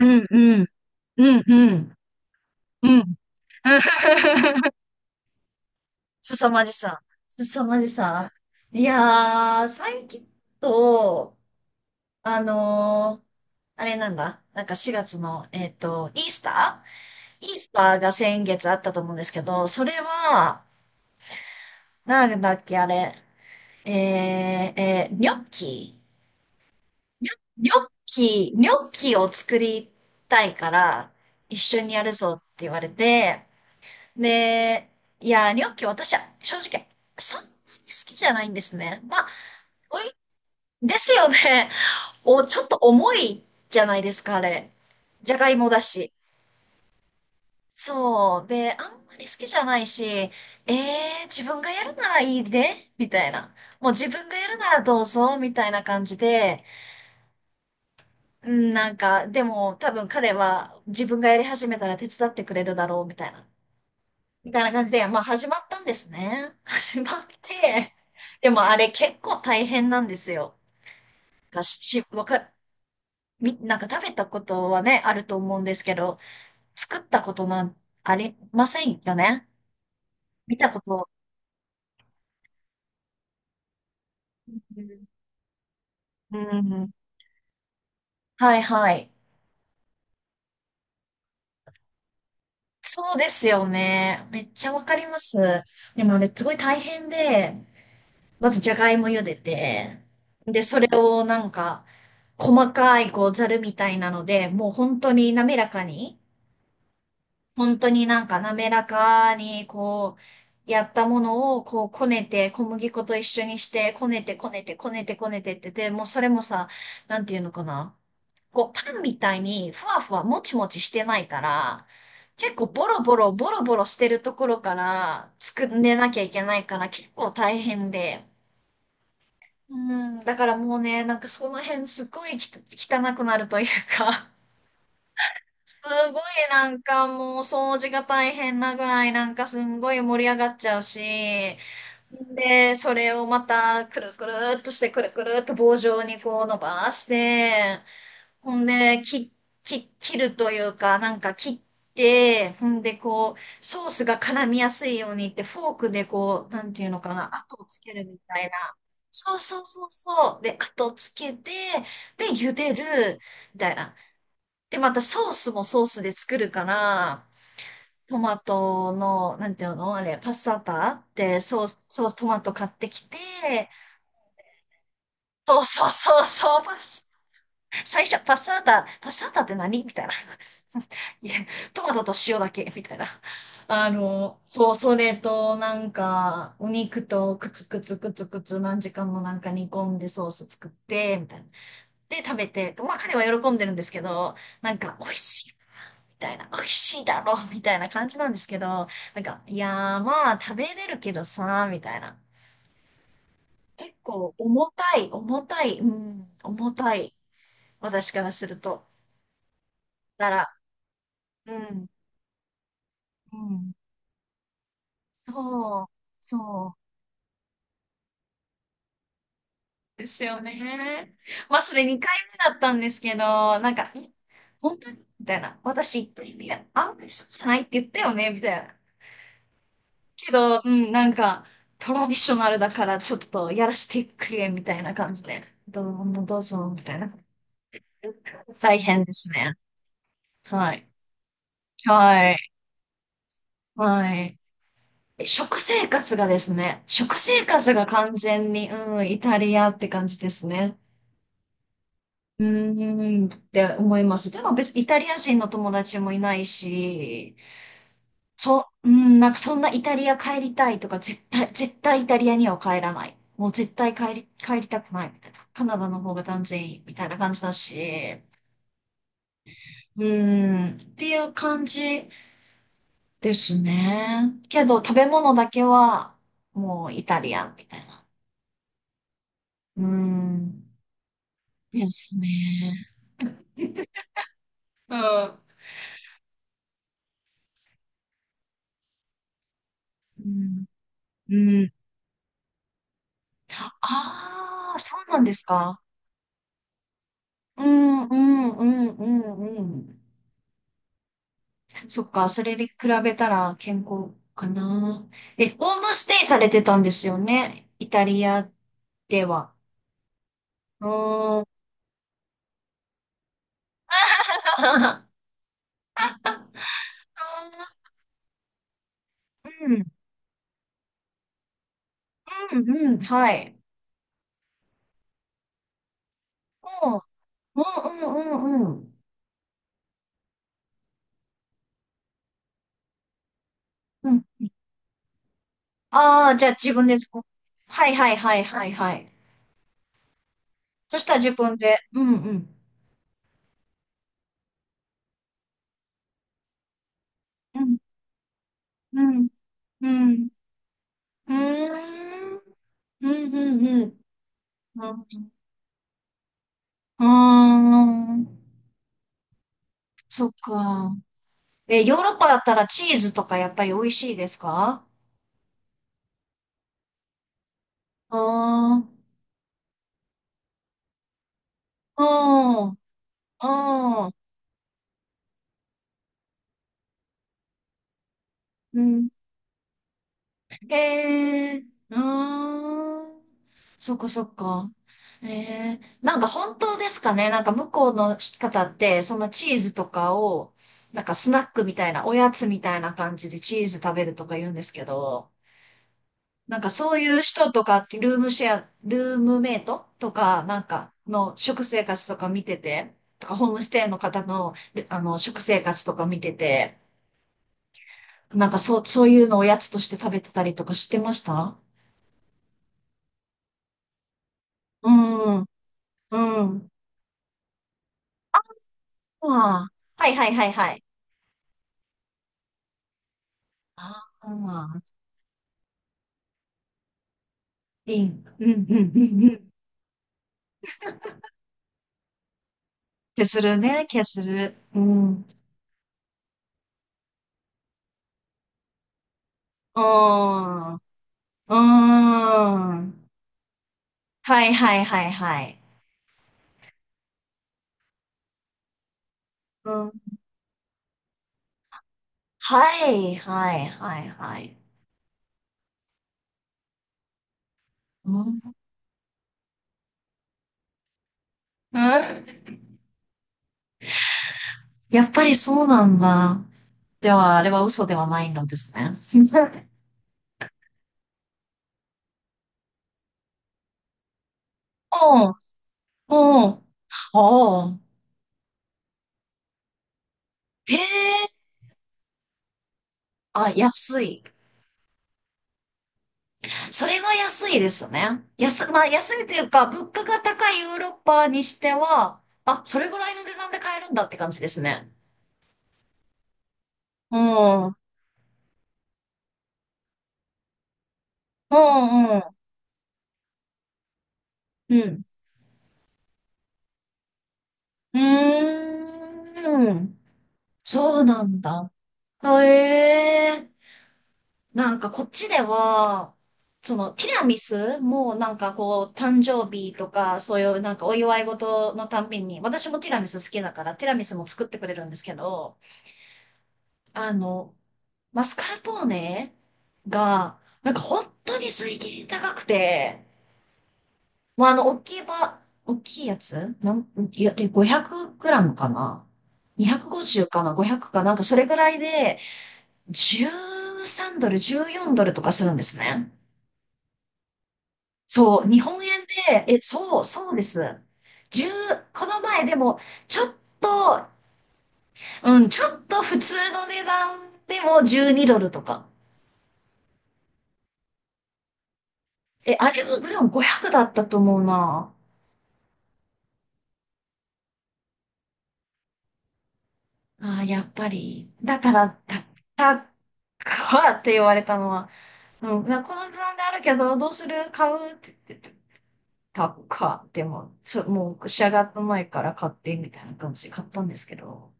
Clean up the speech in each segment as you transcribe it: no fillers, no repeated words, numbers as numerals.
うんうん、うん、うん、うん。凄まじさ。凄まじさ。いやー、最近と、あのーあれなんだ。なんか4月の、イースターが先月あったと思うんですけど、それは、なんだっけ、あれ。ニョッキ。ニョッキを作りたいから、一緒にやるぞって言われて、で、いや、ニョッキ私は正直、そんなに好きじゃないんですね。まあ、おい、ですよね。お、ちょっと重いじゃないですか、あれ。じゃがいもだし。そう。で、あんまり好きじゃないし、自分がやるならいいで、みたいな。もう自分がやるならどうぞ、みたいな感じで、うん、なんか、でも多分彼は自分がやり始めたら手伝ってくれるだろう、みたいな。みたいな感じで、まあ始まったんですね。始まって、でもあれ結構大変なんですよ。がし、わか、み、なんか食べたことはね、あると思うんですけど、作ったことなんありませんよね。見たこと。うん。うんはいはい。そうですよね。めっちゃわかります。でもね、すごい大変で、まずじゃがいも茹でて、で、それをなんか、細かいこうざるみたいなので、もう本当に滑らかに、本当になんか滑らかにこう、やったものをこうこねて、小麦粉と一緒にして、こねてこねてこねてこねてってて、もうそれもさ、なんていうのかな。こうパンみたいにふわふわもちもちしてないから、結構ボロボロボロボロしてるところから作んでなきゃいけないから結構大変で。うん、だからもうね、なんかその辺すっごいき汚くなるというかすごいなんかもう掃除が大変なぐらいなんかすんごい盛り上がっちゃうし、で、それをまたくるくるっとしてくるくるっと棒状にこう伸ばして、ほんで、切るというかなんか切って、ほんでこう、ソースが絡みやすいようにってフォークでこう、なんていうのかな、後をつけるみたいな。そうそうそうそう。で、後をつけて、で、茹でる、みたいな。で、またソースもソースで作るから、トマトの、なんていうのあれ、パッサータってソース、トマト買ってきて、そうそうそうそう、最初、パッサータ、パッサータって何みたいな。いや、トマトと塩だけ、みたいな。そう、それと、なんか、お肉とくつくつくつくつ何時間もなんか煮込んでソース作って、みたいな。で、食べて、まあ彼は喜んでるんですけど、なんか、美味しい。みたいな、美味しいだろ、みたいな感じなんですけど、なんか、いやーまあ、食べれるけどさ、みたいな。結構、重たい、重たい、うん、重たい。私からすると。だから、うん、うん、そう、そうですよね。まあ、それ2回目だったんですけど、なんか、本当にみたいな。私、いや、あんまり好きじゃないって言ったよねみたいな。けど、うん、なんか、トラディショナルだからちょっとやらしてくれ、みたいな感じで。どうもどうぞ、みたいな。大変ですね。はい。はい。はい。食生活がですね、食生活が完全に、うん、イタリアって感じですね。うーん、って思います。でも別にイタリア人の友達もいないし、うん、なんかそんなイタリア帰りたいとか、絶対、絶対イタリアには帰らない。もう絶対帰りたくないみたいな。カナダの方が断然いいみたいな感じだし。うん、っていう感じですね。けど食べ物だけはもうイタリアンみたいな。うん、ですね。うん。うん、うん。ああ、そうなんですか。うん、うん、うん、うん、うん。そっか、それに比べたら健康かな。え、ホームステイされてたんですよね。イタリアでは。おー。あーうん、うん、うん、はい。おーうん、うん、うん、うん。うん。ああ、じゃあ自分で、はい、はい、はい、はい、はい。そしたら自分で、うん、うん。うん、うん、うん。うーん、うん、うん、うん。うん、うーんそっか。え、ヨーロッパだったらチーズとかやっぱり美味しいですか？ああー、うん、うん、うん。えー、うーん。そっかそっか。えー、なんか本当ですかね？なんか向こうの方って、そのチーズとかを、なんかスナックみたいな、おやつみたいな感じでチーズ食べるとか言うんですけど、なんかそういう人とかって、ルームシェア、ルームメイトとか、なんかの食生活とか見てて、とかホームステイの方の、あの、食生活とか見てて、なんかそう、そういうのおやつとして食べてたりとかしてましたうん、うん。ああ、はいはいはいはい。ああ、いい。うん、うん、うん、うん。消するね、消する。うん。うん。うん。はいはいはいはい。うんはい、はい、はい、はい。うん、うんやっぱりそうなんだ。では、あれは嘘ではないんですね。おうん、おうん、おうへえ、あ、安い。それは安いですね。まあ、安いというか、物価が高いヨーロッパにしては、あ、それぐらいの値段で買えるんだって感じですね。うん、うん、うん、うん。うーん、そうなんだ。へえ。なんかこっちでは、そのティラミスもなんかこう誕生日とかそういうなんかお祝い事のたんびに、私もティラミス好きだからティラミスも作ってくれるんですけど、あの、マスカルポーネがなんか本当に最近高くて、もうあの大きいやつなん、いや、で、500グラムかな ?250 かな ?500 かなんかそれぐらいで13ドル、14ドルとかするんですね。そう、日本円で、え、そう、そうです。1この前でも、ちょっと、うん、ちょっと普通の値段でも12ドルとか。え、あれ、でも500だったと思うな。ああ、やっぱり。だから、た、た、かって言われたのは、うん、なこの値段であるけど、どうする買うって、たかって、でもう、もう仕上がった前から買って、みたいな感じで買ったんですけど。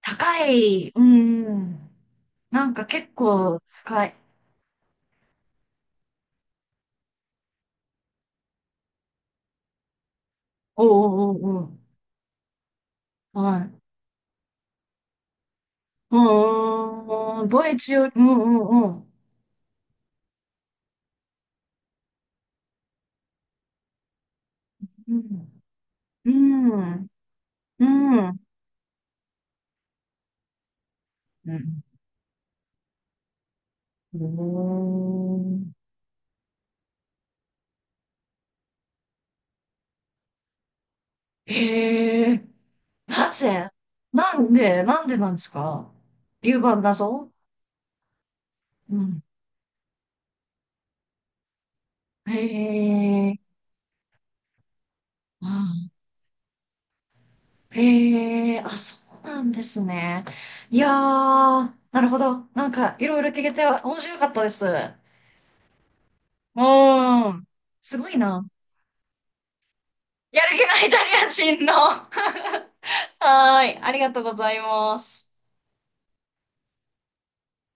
高い。うん。なんか結構高い。おうおうおうおう。はい。うんうん。ボイチより、うんうんうん。うん。うん。うん。うん。へえ。なぜなんでなんですか？龍馬謎うん。へえ。へえ、あ、そうなんですね。いやー、なるほど。なんか、いろいろ聞けて面白かったです。うーん。すごいな。やる気のイタリア人の。はーい。ありがとうございます。